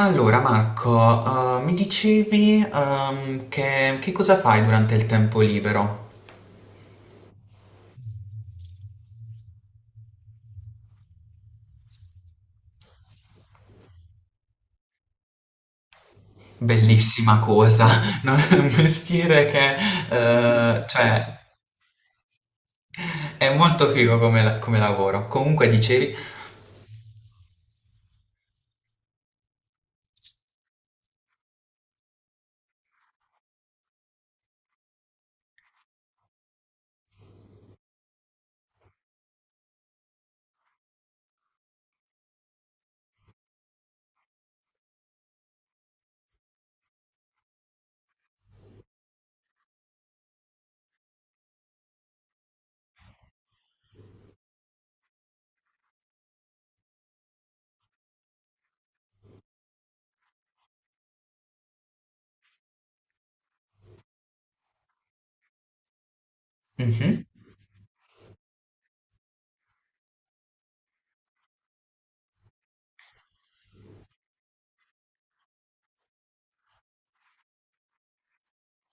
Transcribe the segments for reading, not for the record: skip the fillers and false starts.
Allora Marco, mi dicevi che cosa fai durante il tempo libero? Bellissima cosa, no? È un mestiere che eh, cioè, è molto figo come, come lavoro. Comunque dicevi... Mhm,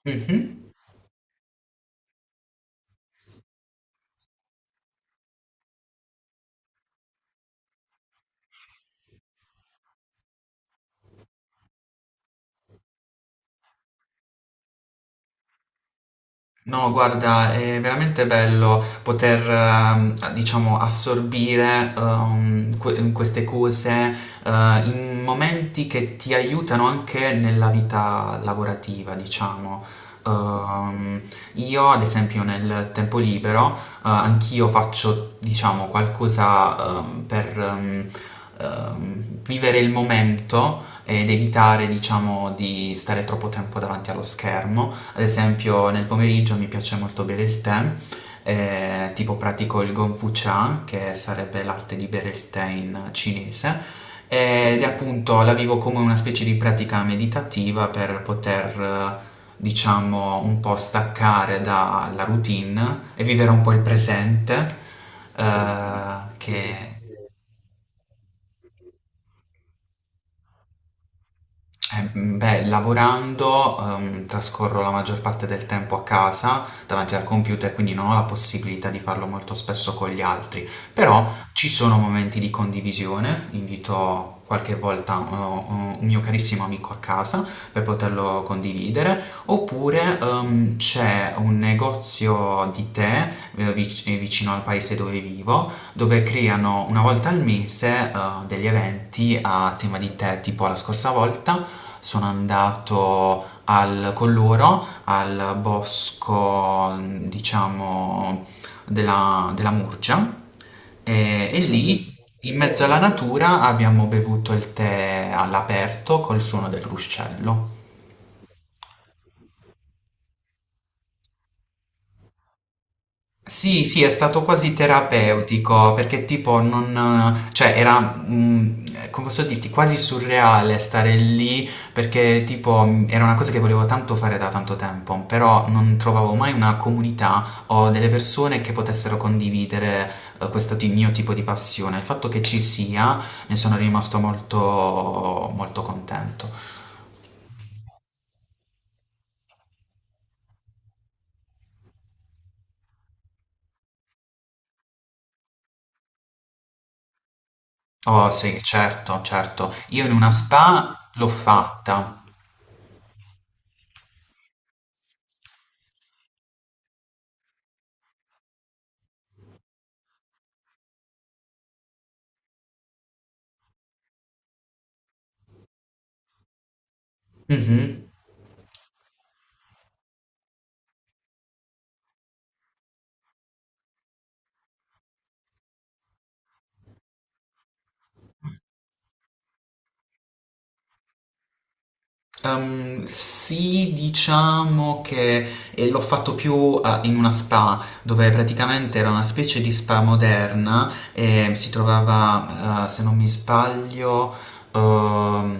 mhm. No, guarda, è veramente bello poter, diciamo, assorbire queste cose eh, in momenti che ti aiutano anche nella vita lavorativa, diciamo. Ehm, io, ad esempio, nel tempo libero, anch'io faccio, diciamo, qualcosa per vivere il momento ed evitare, diciamo, di stare troppo tempo davanti allo schermo. Ad esempio nel pomeriggio mi piace molto bere il tè, tipo pratico il Gongfu Cha, che sarebbe l'arte di bere il tè in cinese, ed è appunto la vivo come una specie di pratica meditativa per poter, diciamo, un po' staccare dalla routine e vivere un po' il presente, eh, che... Beh, lavorando, trascorro la maggior parte del tempo a casa davanti al computer, quindi non ho la possibilità di farlo molto spesso con gli altri, però ci sono momenti di condivisione, invito qualche volta un mio carissimo amico a casa per poterlo condividere, oppure c'è un negozio di tè vicino al paese dove vivo dove creano una volta al mese degli eventi a tema di tè, tipo la scorsa volta sono andato con loro al bosco, diciamo, della Murgia e lì in mezzo alla natura abbiamo bevuto il tè all'aperto col suono del ruscello. Sì, sì, è stato quasi terapeutico perché tipo non, cioè era, come posso dirti, quasi surreale stare lì perché tipo era una cosa che volevo tanto fare da tanto tempo, però non trovavo mai una comunità o delle persone che potessero condividere questo mio tipo di passione. Il fatto che ci sia, ne sono rimasto molto, molto contento. Oh sì, certo, certo. Io in una spa l'ho fatta. Mhm. Sì, diciamo che l'ho fatto più in una spa, dove praticamente era una specie di spa moderna e si trovava, se non mi sbaglio, ehm,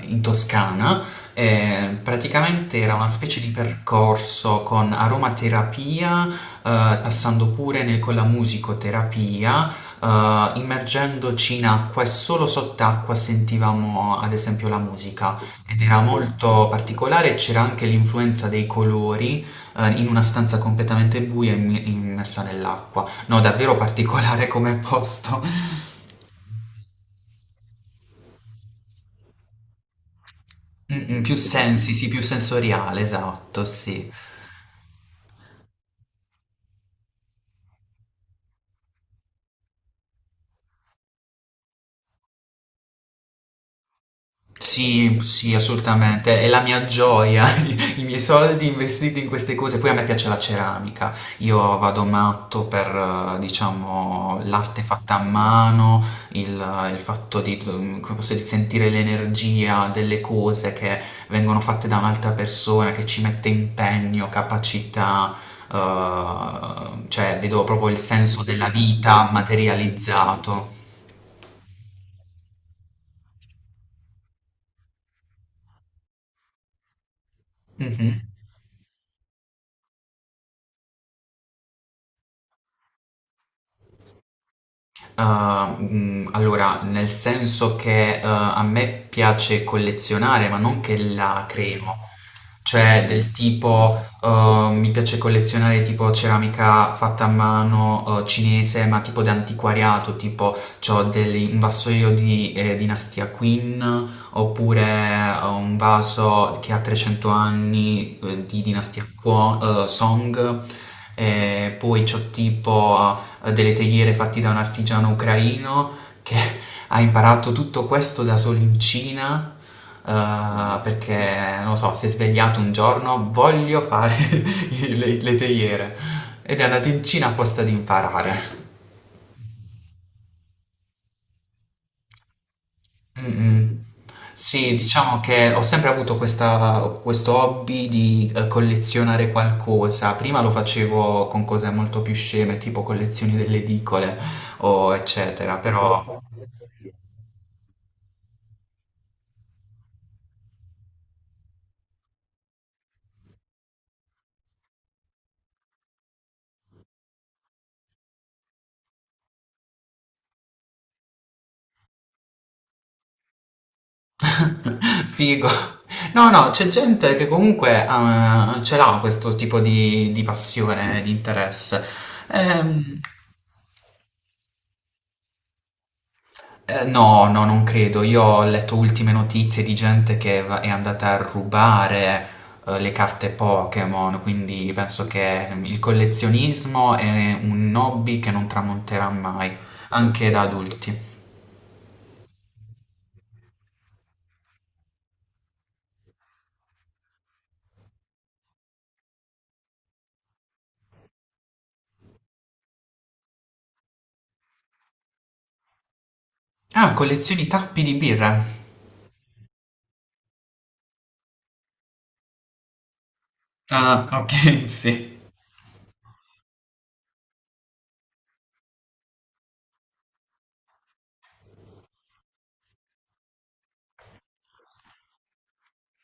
in Toscana. E praticamente era una specie di percorso con aromaterapia, passando pure con la musicoterapia, immergendoci in acqua e solo sott'acqua sentivamo ad esempio la musica. Ed era molto particolare, c'era anche l'influenza dei colori, in una stanza completamente buia immi immersa nell'acqua. No, davvero particolare come posto. Mh-mh, più sensi, sì, più sensoriale, esatto, sì. Sì, sì, assolutamente, è la mia gioia, i miei soldi investiti in queste cose. Poi a me piace la ceramica, io vado matto per, diciamo, l'arte fatta a mano, il, il fatto di, come posso dire, sentire l'energia delle cose che vengono fatte da un'altra persona, che ci mette impegno, capacità, cioè vedo proprio il senso della vita materializzato. Mhm. Ah, allora, nel senso che, a me piace collezionare, ma non che la creo. Cioè del tipo, mi piace collezionare tipo ceramica fatta a mano, cinese, ma tipo d'antiquariato, tipo c'ho degli un vassoio di, dinastia Qin, oppure un vaso che ha 300 anni, di dinastia Kuo Song, e poi c'ho tipo delle teiere fatti da un artigiano ucraino che ha imparato tutto questo da solo in Cina, perché, non lo so, si è svegliato un giorno, voglio fare le teiere, ed è andato in Cina apposta ad imparare. Mm-mm. Sì, diciamo che ho sempre avuto questo hobby di collezionare qualcosa. Prima lo facevo con cose molto più sceme, tipo collezioni delle edicole o eccetera, però... Figo. No, no, c'è gente che comunque ce l'ha questo tipo di passione, di interesse. Ehm, no, no, non credo. Io ho letto ultime notizie di gente che è andata a rubare le carte Pokémon, quindi penso che il collezionismo è un hobby che non tramonterà mai, anche da adulti. Ah, collezioni tappi di birra. Ah, ok, sì.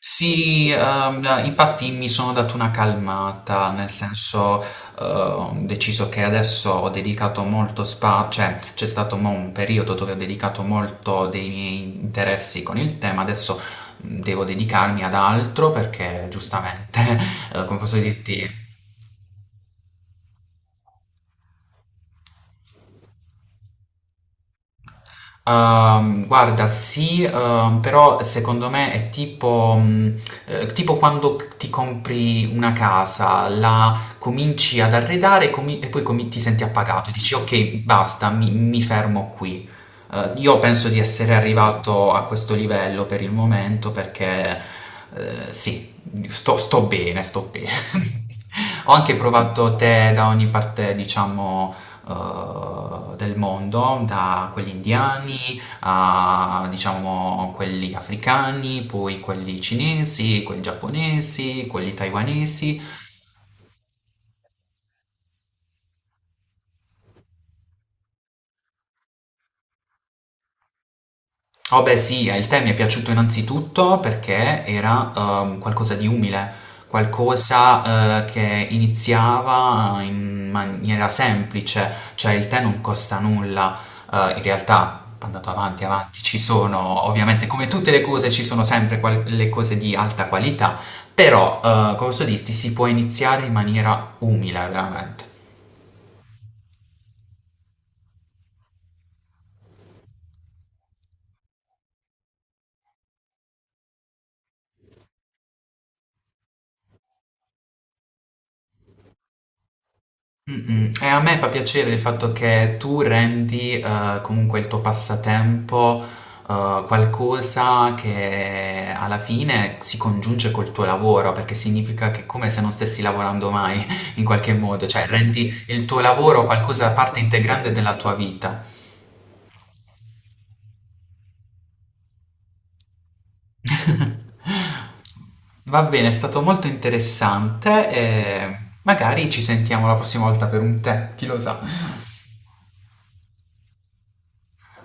Sì, no, infatti mi sono dato una calmata, nel senso, ho deciso che adesso ho dedicato molto spazio, cioè c'è stato mo un periodo dove ho dedicato molto dei miei interessi con il tema, adesso devo dedicarmi ad altro perché giustamente, come posso dirti, guarda, sì, però secondo me è tipo, tipo quando ti compri una casa, la cominci ad arredare e, e poi ti senti appagato, dici ok, basta, mi fermo qui. Io penso di essere arrivato a questo livello per il momento perché sì, sto bene, sto bene. Ho anche provato tè da ogni parte, diciamo del mondo, da quelli indiani a diciamo quelli africani, poi quelli cinesi, quelli giapponesi, quelli taiwanesi. Oh beh sì, il tè mi è piaciuto innanzitutto perché era qualcosa di umile, qualcosa che iniziava in maniera semplice, cioè il tè non costa nulla, in realtà andato avanti, avanti, ci sono ovviamente come tutte le cose ci sono sempre le cose di alta qualità, però come posso dirti si può iniziare in maniera umile veramente. Mh-mh. E a me fa piacere il fatto che tu rendi, comunque il tuo passatempo, qualcosa che alla fine si congiunge col tuo lavoro, perché significa che è come se non stessi lavorando mai in qualche modo, cioè rendi il tuo lavoro qualcosa parte integrante della tua vita. Va bene, è stato molto interessante e magari ci sentiamo la prossima volta per un tè, chi lo sa.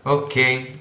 Okay.